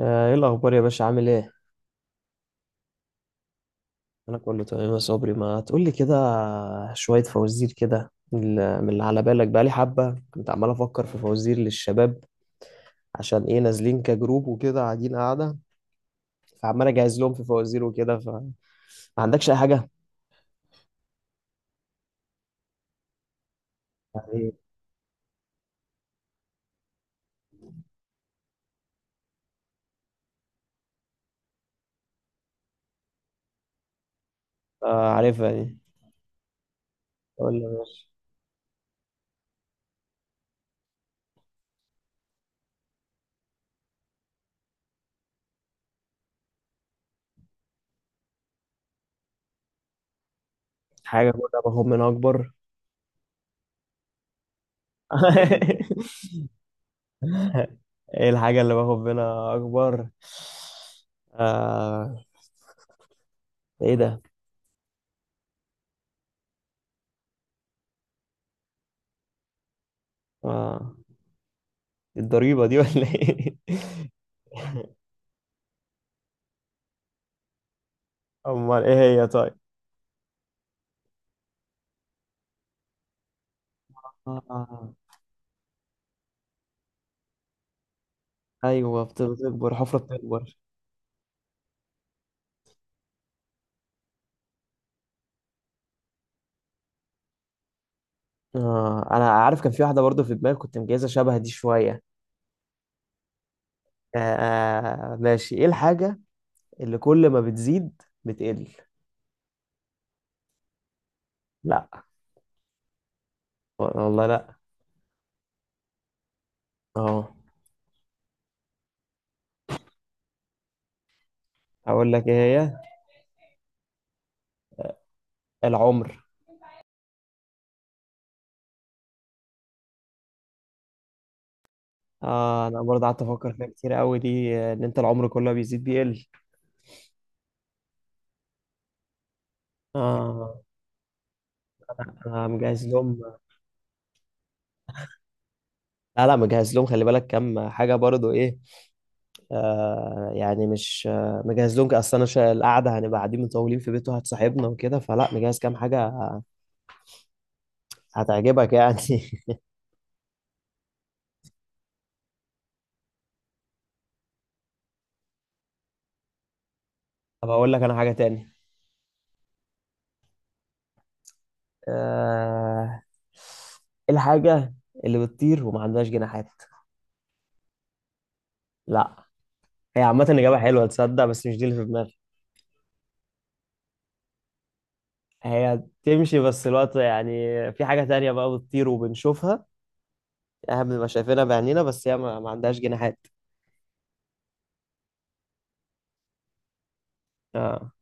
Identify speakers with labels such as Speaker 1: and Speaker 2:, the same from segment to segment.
Speaker 1: آه، ايه الاخبار يا باشا عامل ايه؟ انا كله تمام يا صبري ما تقولي كده. شويه فوازير كده من اللي على بالك بقالي حبه، كنت عمال افكر في فوازير للشباب عشان ايه نازلين كجروب وكده قاعدين قاعده. فعمال اجهز لهم في فوازير وكده، فما عندكش اي حاجه؟ يعني آه عارفها دي. قول لي يا باشا. حاجه كده باخد منها اكبر. ايه الحاجه اللي باخد منها اكبر؟ آه، ايه ده؟ آه، الضريبه دي ولا ايه؟ امال ايه؟ هي طيب. آه. ايوه، بتكبر، حفرة بتكبر. آه. انا عارف كان في واحدة برضو في دماغي كنت مجهزة شبه دي شوية. آه. آه، ماشي، ايه الحاجة اللي كل ما بتزيد بتقل؟ لا. والله لا. اه. اقول لك ايه؟ هي العمر. آه. انا برضه قعدت افكر فيها كتير قوي دي، ان انت العمر كله بيزيد بيقل. اه. انا مجهز لهم. لا لا، مجهز لهم، خلي بالك كام حاجة برضو ايه. آه يعني مش مجهز لهم، اصل انا القعده هنبقى قاعدين مطولين في بيته هتصاحبنا وكده، فلا مجهز كام حاجه هتعجبك يعني. طب اقول لك انا حاجه تاني. آه، الحاجه اللي بتطير وما عندهاش جناحات. لا. هي عامه اجابه حلوه تصدق، بس مش دي اللي في دماغي. هي تمشي بس الوقت يعني. في حاجه تانية بقى بتطير وبنشوفها، احنا بنبقى شايفينها بعينينا، بس هي ما عندهاش جناحات. آه.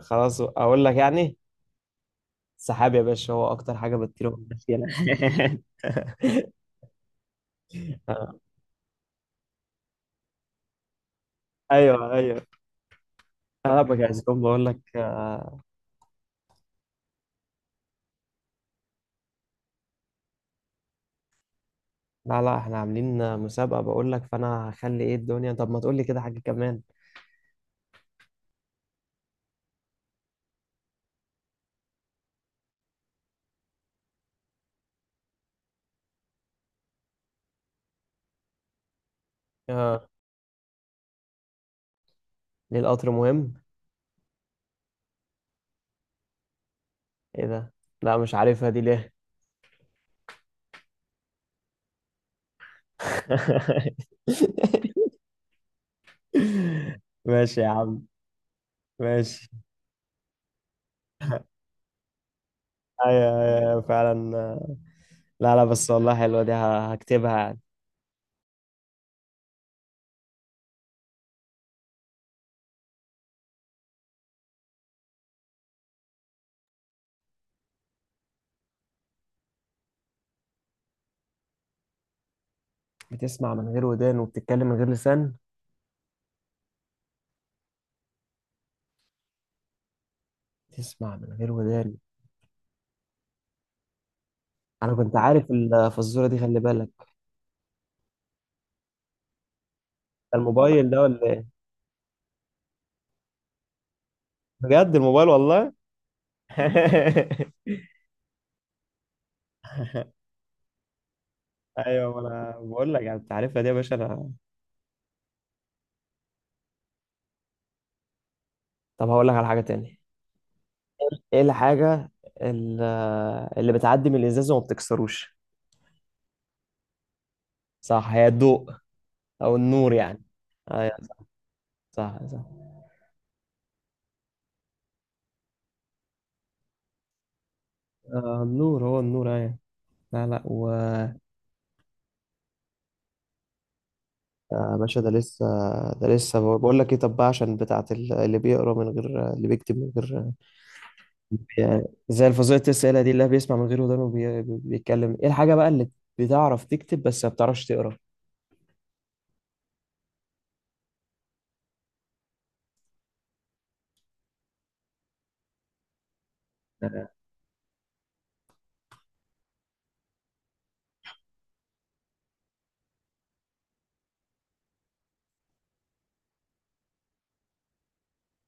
Speaker 1: خلاص اقول لك يعني، سحاب يا باشا، هو اكتر حاجه بتطير فينا. ايوه، ايوه. انا بجهز لهم بقول لك. لا لا، احنا عاملين مسابقه بقول لك، فانا هخلي ايه الدنيا، طب ما تقول لي كده حاجه كمان. اه. ليه القطر مهم؟ ايه ده؟ لا مش عارفها دي ليه. ماشي يا عم. ماشي. ايوه ايوه فعلا. لا لا، بس والله حلوه دي، هكتبها يعني. بتسمع من غير ودان وبتتكلم من غير لسان. بتسمع من غير ودان. انا كنت عارف الفزوره دي، خلي بالك. ده الموبايل ده ولا ايه؟ بجد الموبايل والله. ايوه، ما انا بقول لك يعني انت عارفها دي يا باشا انا. طب هقول لك على حاجه تاني. ايه الحاجه ال- اللي بتعدي من الازاز وما بتكسروش؟ صح، هي الضوء او النور يعني. ايوه. صح، صح، صح. آه، النور، هو النور، ايوه. لا لا و. يا باشا، ده لسه. ده لسه بقول لك ايه، طب بقى عشان بتاعت اللي بيقرا من غير، اللي بيكتب من غير يعني. زي الفظيعة الأسئلة دي اللي بيسمع من غير ودان وبيتكلم، إيه الحاجة بقى اللي بتعرف تكتب بس ما بتعرفش تقرا؟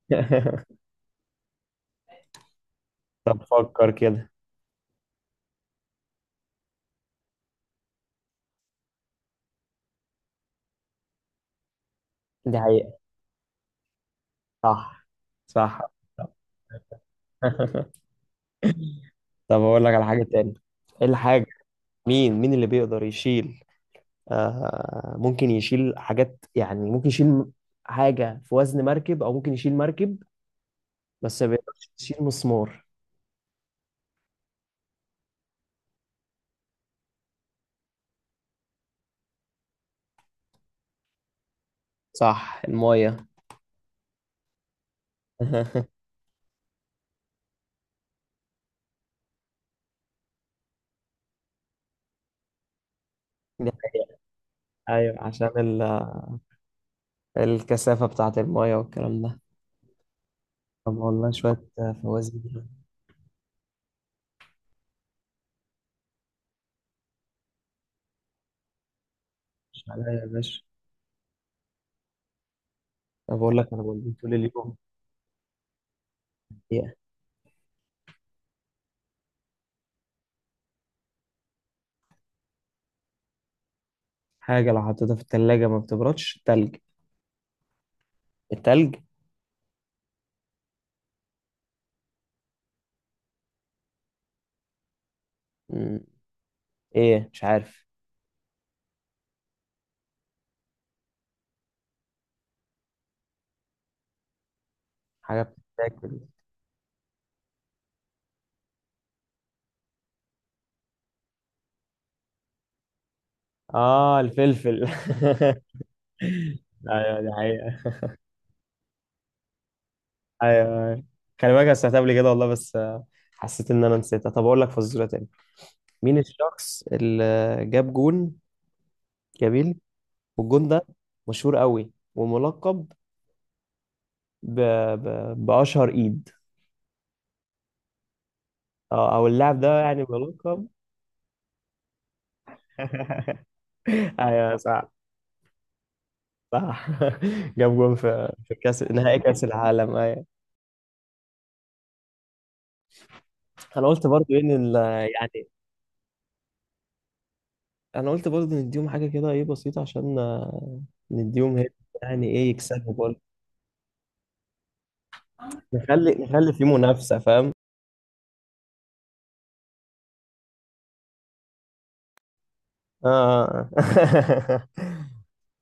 Speaker 1: طب فكر كده. دي حقيقة. صح. صح. طب أقول لك على حاجة تاني. إيه الحاجة؟ مين اللي بيقدر يشيل، آه، ممكن يشيل حاجات يعني، ممكن يشيل حاجة في وزن مركب، أو ممكن يشيل مركب، بس ما بيقدرش يشيل مسمار؟ صح، الماية. دي حقيقة. ايوه، عشان الكثافة بتاعة المايه والكلام ده. طب والله شوية فوازير. مش عليا يا باشا. طب أقول لك، أنا بقول طول اليوم. إيه حاجة لو حطيتها في التلاجة ما بتبردش؟ التلج. التلج. مم. إيه مش عارف. حاجة بتتاكل. آه، الفلفل. أيوه، دي حقيقة. أيوه، أيوه. خلي بالك أنا سمعتها قبل كده والله، بس. حسيت إن أنا نسيتها. طب أقول لك فزورة تاني. مين الشخص اللي جاب جون جميل، والجون ده مشهور قوي وملقب ب... بأشهر إيد، أو اللاعب ده يعني بلقب. أيوه صح. صح. جاب جون في كأس نهائي كأس العالم، أيوه؟ أنا قلت برضو إن. يعني أنا قلت برضو نديهم حاجة كده إيه، بسيطة، عشان. نديهم هيك يعني، إيه، يكسبوا برضه. نخلي في منافسة، فاهم. آه. آه.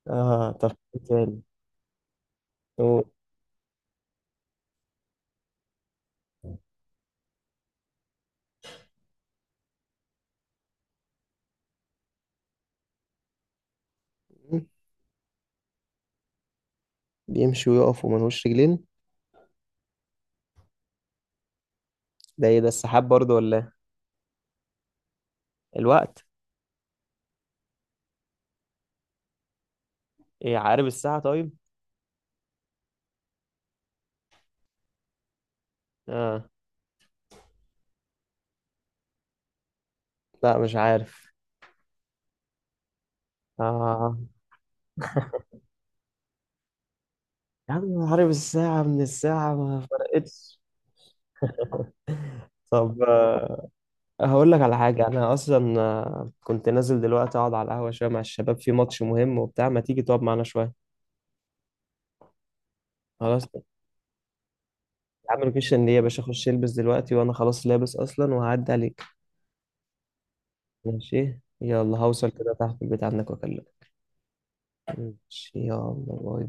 Speaker 1: آه، طب إيه تاني؟ هو بيمشي ويقف وملهوش رجلين. ده إيه ده؟ السحاب برضو ولا إيه؟ الوقت. إيه، عقارب الساعة طيب. اه. لا مش عارف. آه. يا عم عارف الساعة، من الساعة ما فرقتش. طب، هقول لك على حاجة. أنا أصلا، كنت نازل دلوقتي أقعد على القهوة شوية مع الشباب في ماتش مهم وبتاع، ما تيجي تقعد معانا شوية؟ خلاص يا عم، مفيش إن إيه يا باشا، أخش ألبس دلوقتي، وأنا خلاص لابس أصلا وهعدي عليك. ماشي يلا، هوصل كده تحت البيت عندك وأكلمك. ماشي يلا، باي.